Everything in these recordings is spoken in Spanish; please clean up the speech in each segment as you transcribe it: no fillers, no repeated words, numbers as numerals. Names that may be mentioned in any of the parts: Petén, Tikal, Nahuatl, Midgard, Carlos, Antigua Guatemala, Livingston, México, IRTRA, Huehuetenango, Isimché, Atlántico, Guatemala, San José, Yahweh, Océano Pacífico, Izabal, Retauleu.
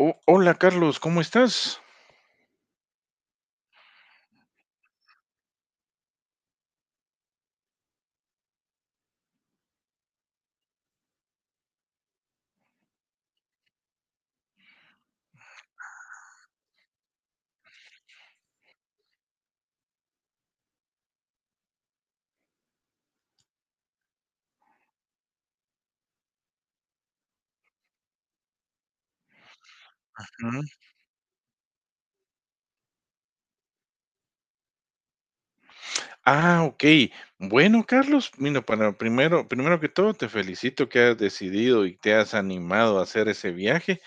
Oh, hola Carlos, ¿cómo estás? Ujú. Ah, okey. Bueno, Carlos, mira, para primero que todo, te felicito que has decidido y te has animado a hacer ese viaje.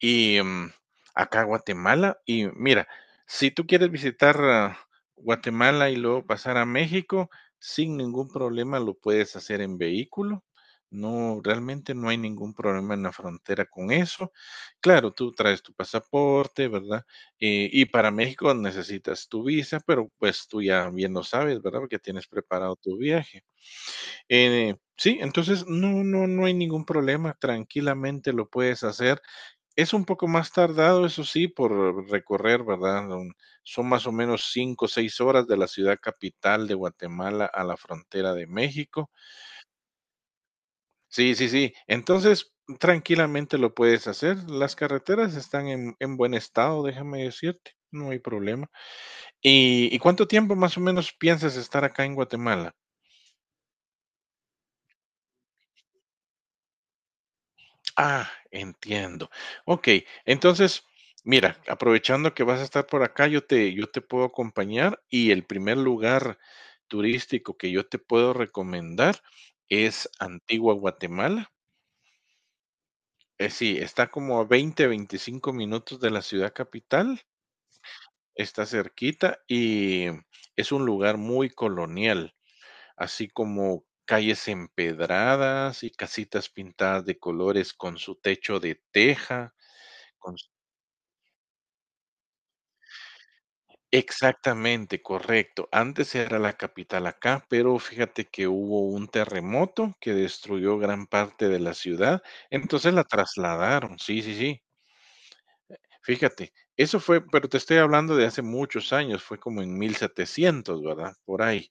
Y, mm, Acá Guatemala, y mira, si tú quieres visitar, Guatemala y luego pasar a México, sin ningún problema lo puedes hacer en vehículo. No, realmente no hay ningún problema en la frontera con eso. Claro, tú traes tu pasaporte, ¿verdad? Y para México necesitas tu visa, pero, pues, tú ya bien lo sabes, ¿verdad? Porque tienes preparado tu viaje. Sí, entonces no hay ningún problema, tranquilamente lo puedes hacer, es un poco más tardado, eso sí, por recorrer, ¿verdad? Son más o menos 5, o 6 horas de la ciudad capital de Guatemala a la frontera de México. Sí, sí, sí. Entonces, tranquilamente lo puedes hacer. Las carreteras están en buen estado, déjame decirte. No hay problema. ¿Y cuánto tiempo más o menos piensas estar acá en Guatemala? Ah, entiendo. Ok, entonces, mira, aprovechando que vas a estar por acá, yo te puedo acompañar y el primer lugar turístico que yo te puedo recomendar es Antigua Guatemala. Sí, está como a 20, 25 minutos de la ciudad capital, está cerquita y es un lugar muy colonial, así como calles empedradas y casitas pintadas de colores con su techo de teja. Exactamente, correcto. Antes era la capital acá, pero fíjate que hubo un terremoto que destruyó gran parte de la ciudad, entonces la trasladaron. Sí, sí, sí. Fíjate, eso fue, pero te estoy hablando de hace muchos años, fue como en 1700, ¿verdad? Por ahí.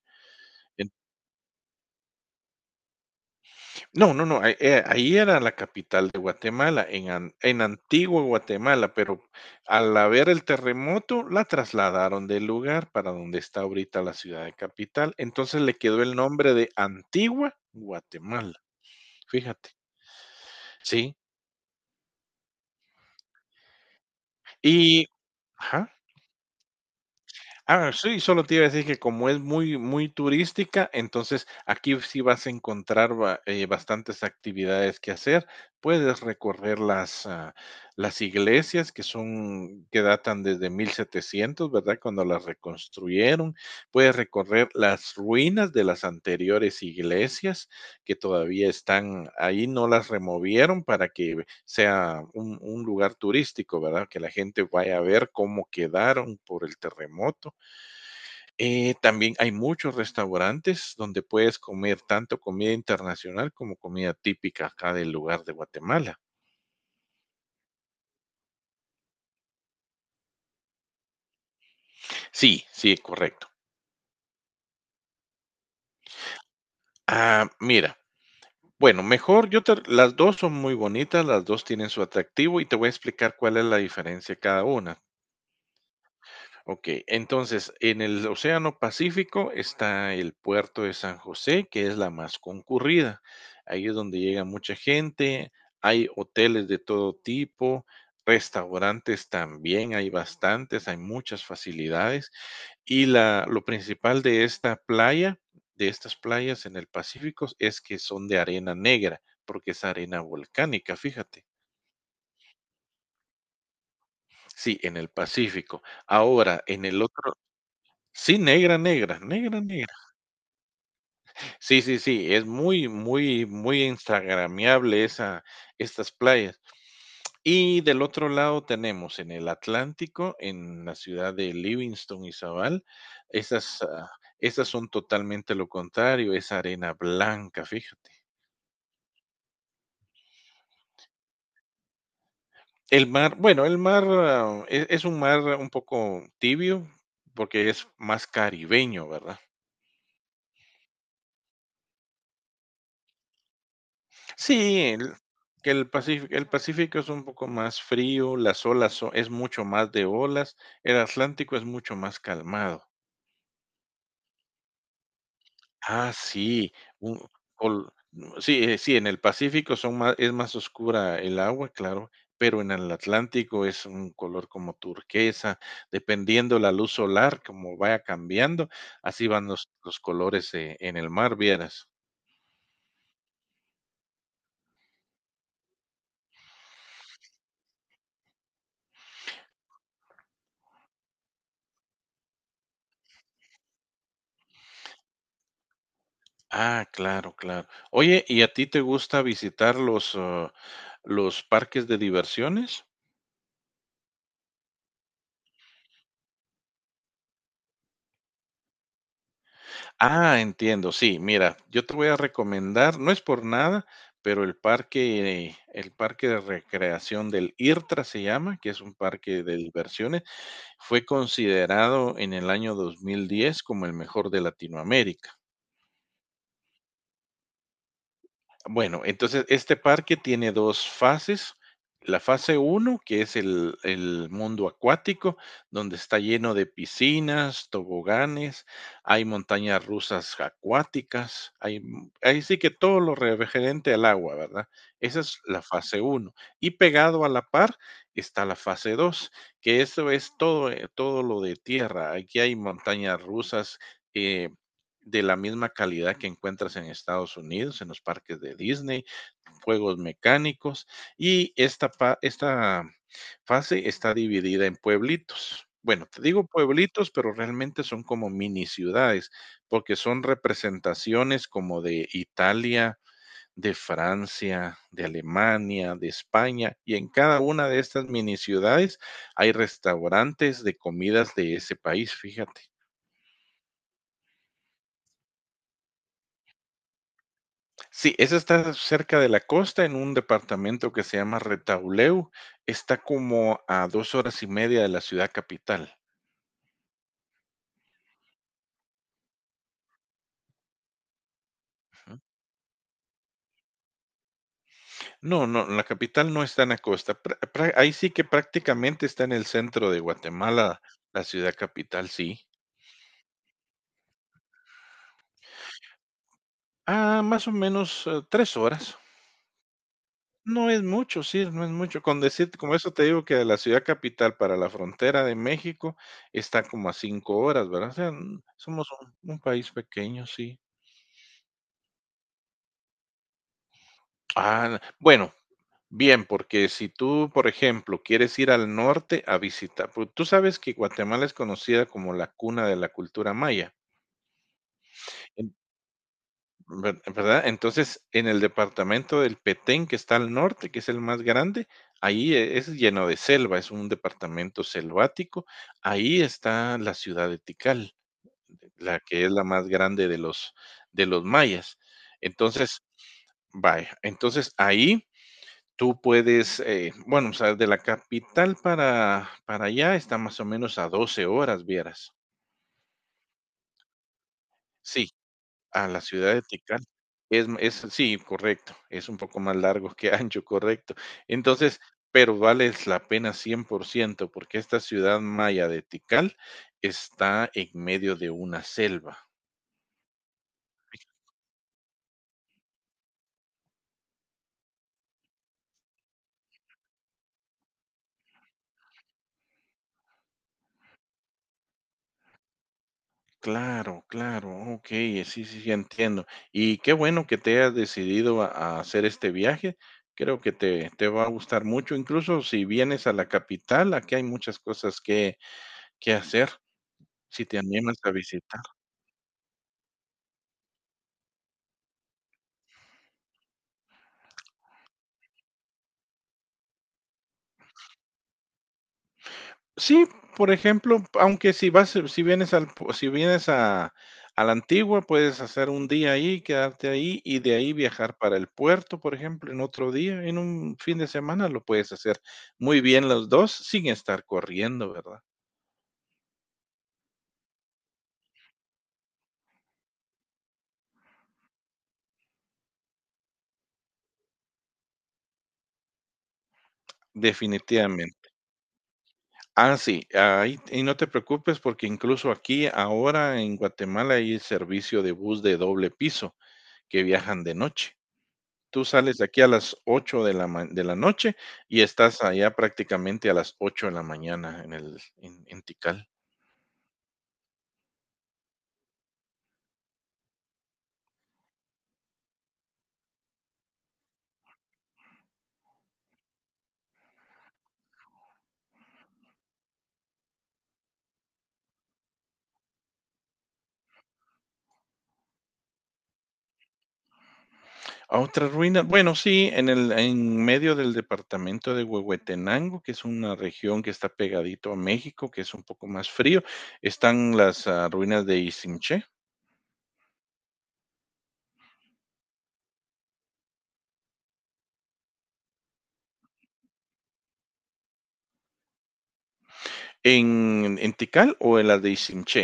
No, no, no, ahí ahí era la capital de Guatemala, en Antigua Guatemala, pero al haber el terremoto, la trasladaron del lugar para donde está ahorita la ciudad de capital, entonces le quedó el nombre de Antigua Guatemala, fíjate. Sí, y ajá. Sí, solo te iba a decir que como es muy, muy turística, entonces aquí sí vas a encontrar bastantes actividades que hacer. Puedes recorrer las iglesias que son, que datan desde 1700, ¿verdad? Cuando las reconstruyeron. Puedes recorrer las ruinas de las anteriores iglesias que todavía están ahí, no las removieron para que sea un lugar turístico, ¿verdad? Que la gente vaya a ver cómo quedaron por el terremoto. También hay muchos restaurantes donde puedes comer tanto comida internacional como comida típica acá del lugar de Guatemala. Sí, sí, correcto. Mira, bueno, las dos son muy bonitas, las dos tienen su atractivo y te voy a explicar cuál es la diferencia de cada una. Ok, entonces en el Océano Pacífico está el puerto de San José, que es la más concurrida. Ahí es donde llega mucha gente, hay hoteles de todo tipo, restaurantes también, hay bastantes, hay muchas facilidades. Lo principal de esta playa, de estas playas en el Pacífico, es que son de arena negra, porque es arena volcánica, fíjate. Sí, en el Pacífico. Ahora, sí, negra, negra, negra, negra. Sí, sí, sí, es muy, muy, muy instagramiable esa estas playas. Y del otro lado tenemos en el Atlántico, en la ciudad de Livingston, Izabal, esas, ah, esas son totalmente lo contrario, es arena blanca, fíjate. El mar, bueno, el mar es un mar un poco tibio, porque es más caribeño, ¿verdad? Sí, el- que el Pacífico es un poco más frío, es mucho más de olas, el Atlántico es mucho más calmado. Ah, sí, un- col- no, sí, Sí, en el Pacífico son más, es más oscura el agua, claro, pero en el Atlántico es un color como turquesa, dependiendo la luz solar, como vaya cambiando, así van los colores en el mar, vieras. Ah, claro, claro. Oye, ¿y a ti te gusta visitar los parques de diversiones? Ah, entiendo, sí, mira, yo te voy a recomendar, no es por nada, pero el parque de recreación del IRTRA se llama, que es un parque de diversiones, fue considerado en el año 2010 como el mejor de Latinoamérica. Bueno, entonces este parque tiene dos fases. La fase uno que es el mundo acuático, donde está lleno de piscinas, toboganes, hay montañas rusas acuáticas, ahí sí que todo lo referente al agua, ¿verdad? Esa es la fase uno. Y pegado a la par está la fase 2, que eso es todo, todo lo de tierra. Aquí hay montañas rusas, eh, de la misma calidad que encuentras en Estados Unidos, en los parques de Disney, juegos mecánicos, y esta fase está dividida en pueblitos. Bueno, te digo pueblitos, pero realmente son como mini ciudades, porque son representaciones como de Italia, de Francia, de Alemania, de España, y en cada una de estas mini ciudades hay restaurantes de comidas de ese país, fíjate. Sí, esa está cerca de la costa, en un departamento que se llama Retauleu. Está como a 2 horas y media de la ciudad capital. Ujú. No, no, la capital no está en la costa. Ahí sí que prácticamente está en el centro de Guatemala, la ciudad capital, sí. Ah, más o menos 3 horas. No es mucho, sí, no es mucho. Con decirte, como eso te digo que de la ciudad capital para la frontera de México está como a 5 horas, ¿verdad? O sea, somos un país pequeño, sí. Ah, bueno, bien, porque si tú, por ejemplo, quieres ir al norte a visitar, pues, tú sabes que Guatemala es conocida como la cuna de la cultura maya, en ver ¿verdad? Entonces, en el departamento del Petén, que está al norte, que es el más grande, ahí es lleno de selva, es un departamento selvático. Ahí está la ciudad de Tikal, la que es la más grande de los mayas. Entonces, vaya, entonces ahí tú puedes, bueno, o sea, de la capital para allá está más o menos a 12 horas, vieras. Sí, a la ciudad de Tikal. Sí, correcto, es un poco más largo que ancho, correcto. Entonces, pero vale la pena 100% porque esta ciudad maya de Tikal está en medio de una selva. Claro, claro, okey, sí, sí, sí, entiendo. Y qué bueno que te hayas decidido a hacer este viaje. Creo que te va a gustar mucho, incluso si vienes a la capital, aquí hay muchas cosas que hacer, si te animas a visitar. Sí, por ejemplo, aunque si vienes al, pu- si vienes a la antigua, puedes hacer un día ahí, quedarte ahí y de ahí viajar para el puerto, por ejemplo, en otro día, en un fin de semana lo puedes hacer muy bien los dos sin estar corriendo, ¿verdad? Definitivamente. Ah, sí, ahí, y no te preocupes porque incluso aquí ahora en Guatemala hay servicio de bus de doble piso que viajan de noche. Tú sales de aquí a las 8 de la ma de la noche y estás allá prácticamente a las 8 de la mañana en el en Tikal. A otra ruina, bueno, sí, en el en medio del departamento de Huehuetenango, que es una región que está pegadito a México, que es un poco más frío, están ruinas de Isimché. En Tikal o en las de Isimché.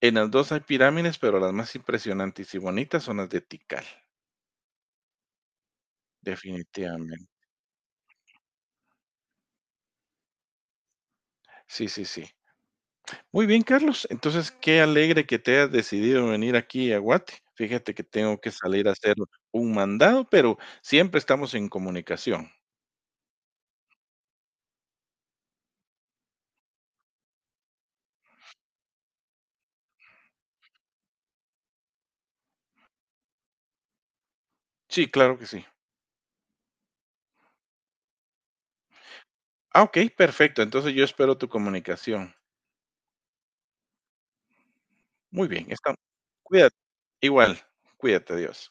En las 2 hay pirámides, pero las más impresionantes y bonitas son las de Tikal, definitivamente. Sí, sí, sí. Muy bien, Carlos. Entonces, qué alegre que te hayas decidido venir aquí a Guate. Fíjate que tengo que salir a hacer un mandado, pero siempre estamos en comunicación. Sí, claro que sí. Ah, ok, perfecto. Entonces yo espero tu comunicación. Muy bien, está. Cuídate. Igual, cuídate, adiós.